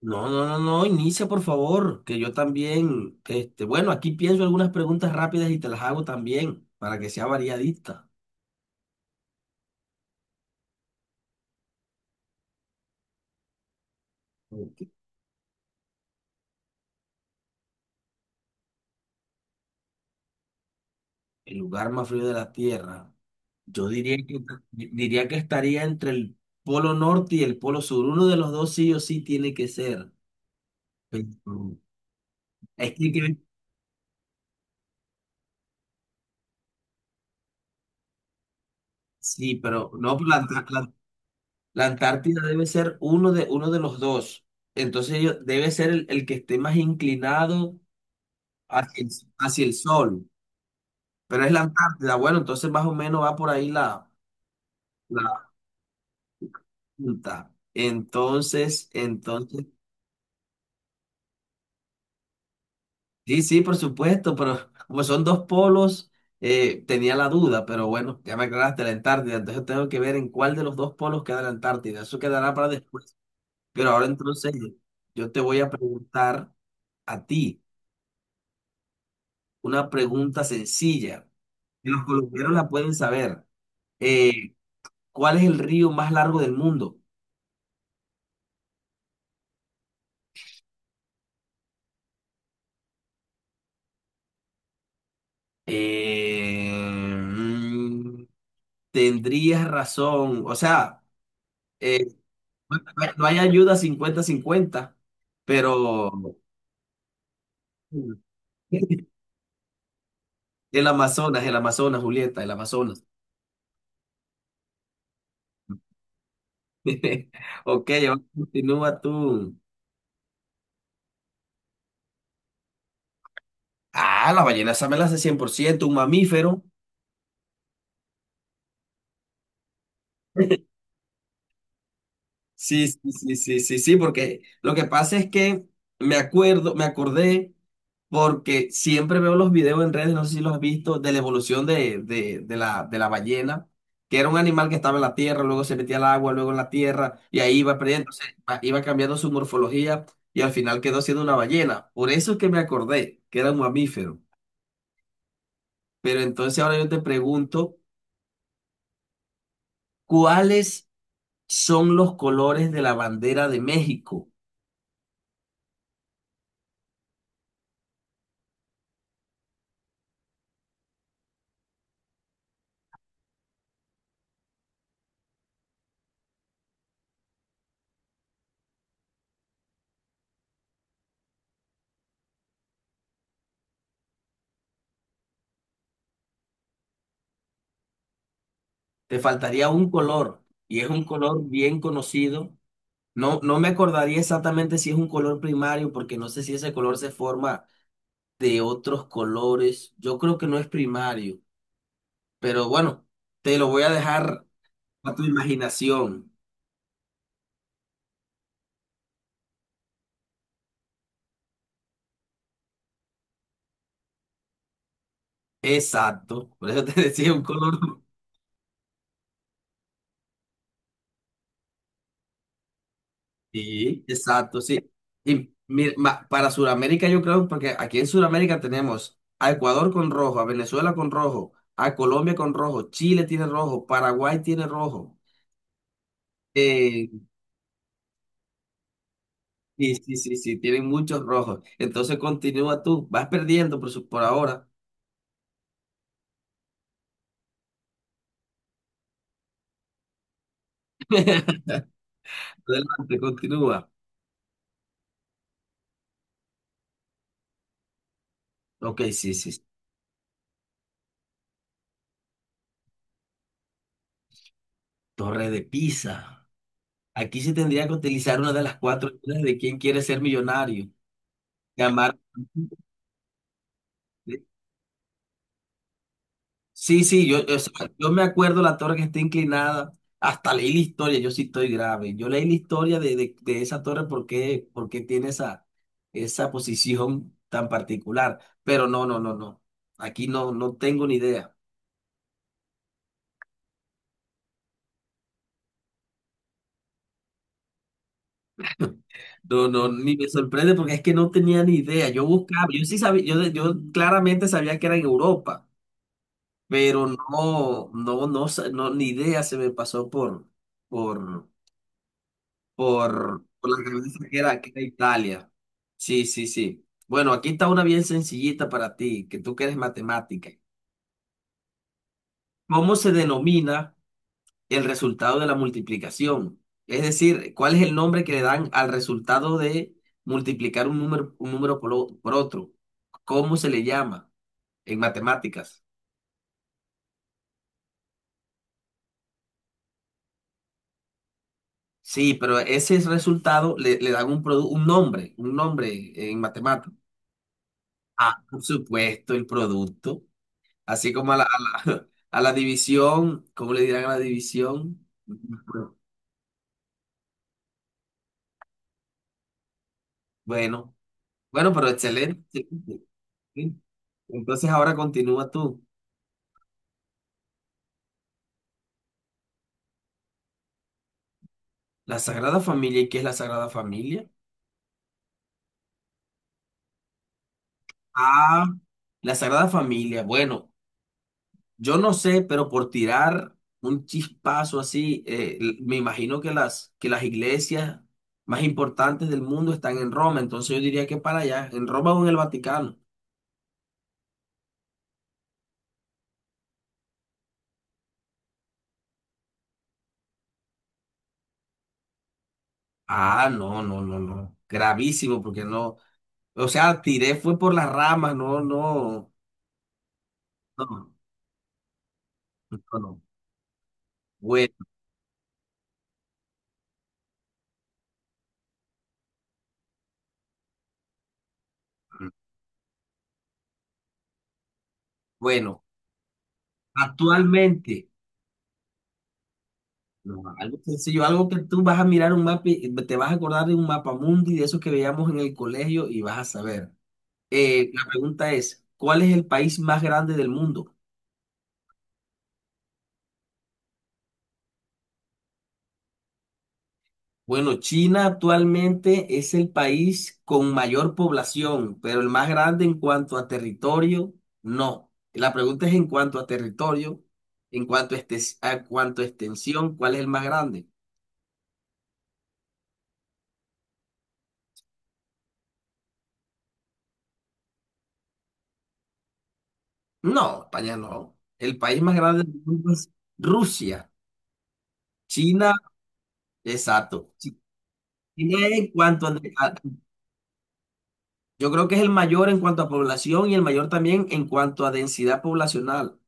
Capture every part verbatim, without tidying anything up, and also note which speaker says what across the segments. Speaker 1: No, no, no, no, inicia por favor, que yo también, este, bueno, aquí pienso algunas preguntas rápidas y te las hago también, para que sea variadita. Ok. El lugar más frío de la Tierra, yo diría que, diría que estaría entre el polo norte y el polo sur, uno de los dos sí o sí tiene que ser. Pero, Es que, que- sí, pero no, pero la, Antar- la- la Antártida debe ser uno de, uno de los dos, entonces yo- debe ser el, el que esté más inclinado hacia el- hacia el sol. Pero es la Antártida, bueno, entonces más o menos va por ahí la, la punta. Entonces, entonces, sí, sí, por supuesto, pero como son dos polos, eh, tenía la duda, pero bueno, ya me aclaraste la Antártida, entonces tengo que ver en cuál de los dos polos queda la Antártida, eso quedará para después. Pero ahora entonces yo te voy a preguntar a ti una pregunta sencilla, que los colombianos la pueden saber. Eh, ¿cuál es el río más largo del mundo? Eh, mm, tendrías razón. O sea, eh, no hay ayuda cincuenta-cincuenta, pero el Amazonas, el Amazonas, Julieta, el Amazonas. Ok, ahora continúa tú. Ah, la ballena esa me la hace cien por ciento, un mamífero. Sí, sí, sí, sí, sí, sí, porque lo que pasa es que me acuerdo, me acordé, porque siempre veo los videos en redes, no sé si los has visto, de la evolución de, de, de la, de la ballena, que era un animal que estaba en la tierra, luego se metía al agua, luego en la tierra, y ahí iba perdiendo, o sea, iba iba cambiando su morfología y al final quedó siendo una ballena. Por eso es que me acordé que era un mamífero. Pero entonces ahora yo te pregunto, ¿cuáles son los colores de la bandera de México? Te faltaría un color y es un color bien conocido. No, no me acordaría exactamente si es un color primario porque no sé si ese color se forma de otros colores. Yo creo que no es primario, pero bueno, te lo voy a dejar a tu imaginación. Exacto, por eso te decía un color. Sí, exacto, sí. Y mira, ma- para Sudamérica yo creo, porque aquí en Sudamérica tenemos a Ecuador con rojo, a Venezuela con rojo, a Colombia con rojo, Chile tiene rojo, Paraguay tiene rojo. Eh, sí, sí, sí, sí, tienen muchos rojos. Entonces continúa tú, vas perdiendo por, su- por ahora. Adelante, continúa. Ok, sí, sí, sí. Torre de Pisa. Aquí se tendría que utilizar una de las cuatro reglas de quién quiere ser millonario. Llamar. Sí, sí, yo, o sea, yo me acuerdo la torre que está inclinada, hasta leí la historia, yo sí estoy grave. Yo leí la historia de, de, de esa torre porque, porque tiene esa, esa posición tan particular. Pero no, no, no, no. Aquí no, no tengo ni idea. No, no, ni me sorprende porque es que no tenía ni idea. Yo buscaba, yo sí sabía, yo, yo claramente sabía que era en Europa, pero no, no, no, sa- no, ni idea se me pasó por, por, por, por la cabeza que era, que era Italia. Sí, sí, sí. Bueno, aquí está una bien sencillita para ti, que tú que eres matemática. ¿Cómo se denomina el resultado de la multiplicación? Es decir, ¿cuál es el nombre que le dan al resultado de multiplicar un número, un número por, o- por otro? ¿Cómo se le llama en matemáticas? Sí, pero ese resultado le, le dan un, produ- un nombre, un nombre en matemáticas. Ah, por supuesto, el producto. Así como a la, a la, a la división, ¿cómo le dirán a la división? Bueno, bueno, pero excelente. Excelente. Sí. Entonces ahora continúa tú. La Sagrada Familia, ¿y qué es la Sagrada Familia? Ah, la Sagrada Familia. Bueno, yo no sé, pero por tirar un chispazo así, eh, l- me imagino que las, que las iglesias más importantes del mundo están en Roma, entonces yo diría que para allá, en Roma o en el Vaticano. Ah, no, no, no, no. Gravísimo, porque no. O sea, tiré fue por las ramas, no, no, no, no, no. Bueno, bueno, actualmente, no, algo sencillo, algo que tú vas a mirar un mapa, y te vas a acordar de un mapa mundi de esos que veíamos en el colegio y vas a saber. Eh, la pregunta es, ¿cuál es el país más grande del mundo? Bueno, China actualmente es el país con mayor población, pero el más grande en cuanto a territorio, no. La pregunta es en cuanto a territorio, en cuanto a, estes- a cuanto a extensión, ¿cuál es el más grande? No, España no. El país más grande del mundo es Rusia. China, exacto. Chi- China en cuanto a, a- yo creo que es el mayor en cuanto a población y el mayor también en cuanto a densidad poblacional. O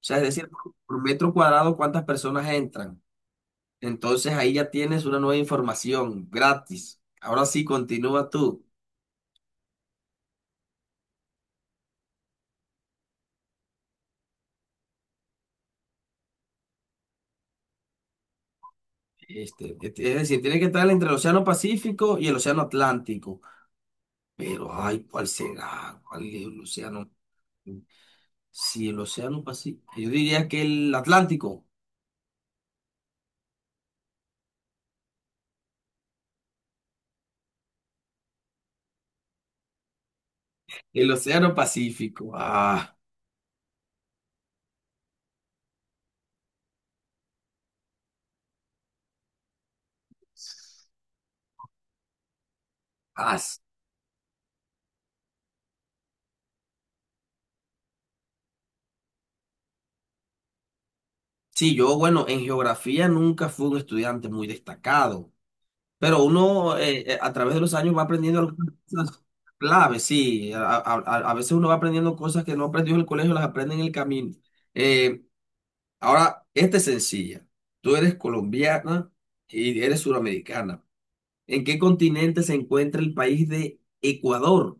Speaker 1: sea, es decir, por por metro cuadrado, ¿cuántas personas entran? Entonces ahí ya tienes una nueva información gratis. Ahora sí, continúa tú. Este, este, es decir, tiene que estar entre el Océano Pacífico y el Océano Atlántico. Pero, ay, ¿cuál será? ¿Cuál es el océano? Si el Océano Pacífico. Yo diría que el Atlántico. El Océano Pacífico. Ah, as- Sí, yo, bueno, en geografía nunca fui un estudiante muy destacado. Pero uno eh, eh, a través de los años va aprendiendo algunas cosas claves, sí. A, a- a- a veces uno va aprendiendo cosas que no aprendió en el colegio, las aprende en el camino. Eh, ahora, esta es sencilla. Tú eres colombiana y eres suramericana. ¿En qué continente se encuentra el país de Ecuador?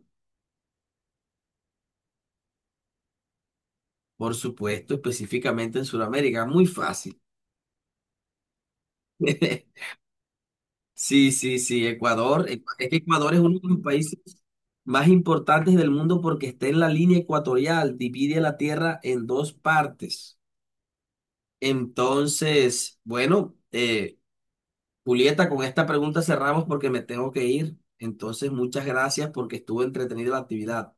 Speaker 1: Por supuesto, específicamente en Sudamérica. Muy fácil. Sí, sí, sí, Ecuador. Ecu- Es que Ecuador es uno de los países más importantes del mundo porque está en la línea ecuatorial, divide la tierra en dos partes. Entonces, bueno, eh, Julieta, con esta pregunta cerramos porque me tengo que ir. Entonces, muchas gracias porque estuvo entretenida la actividad.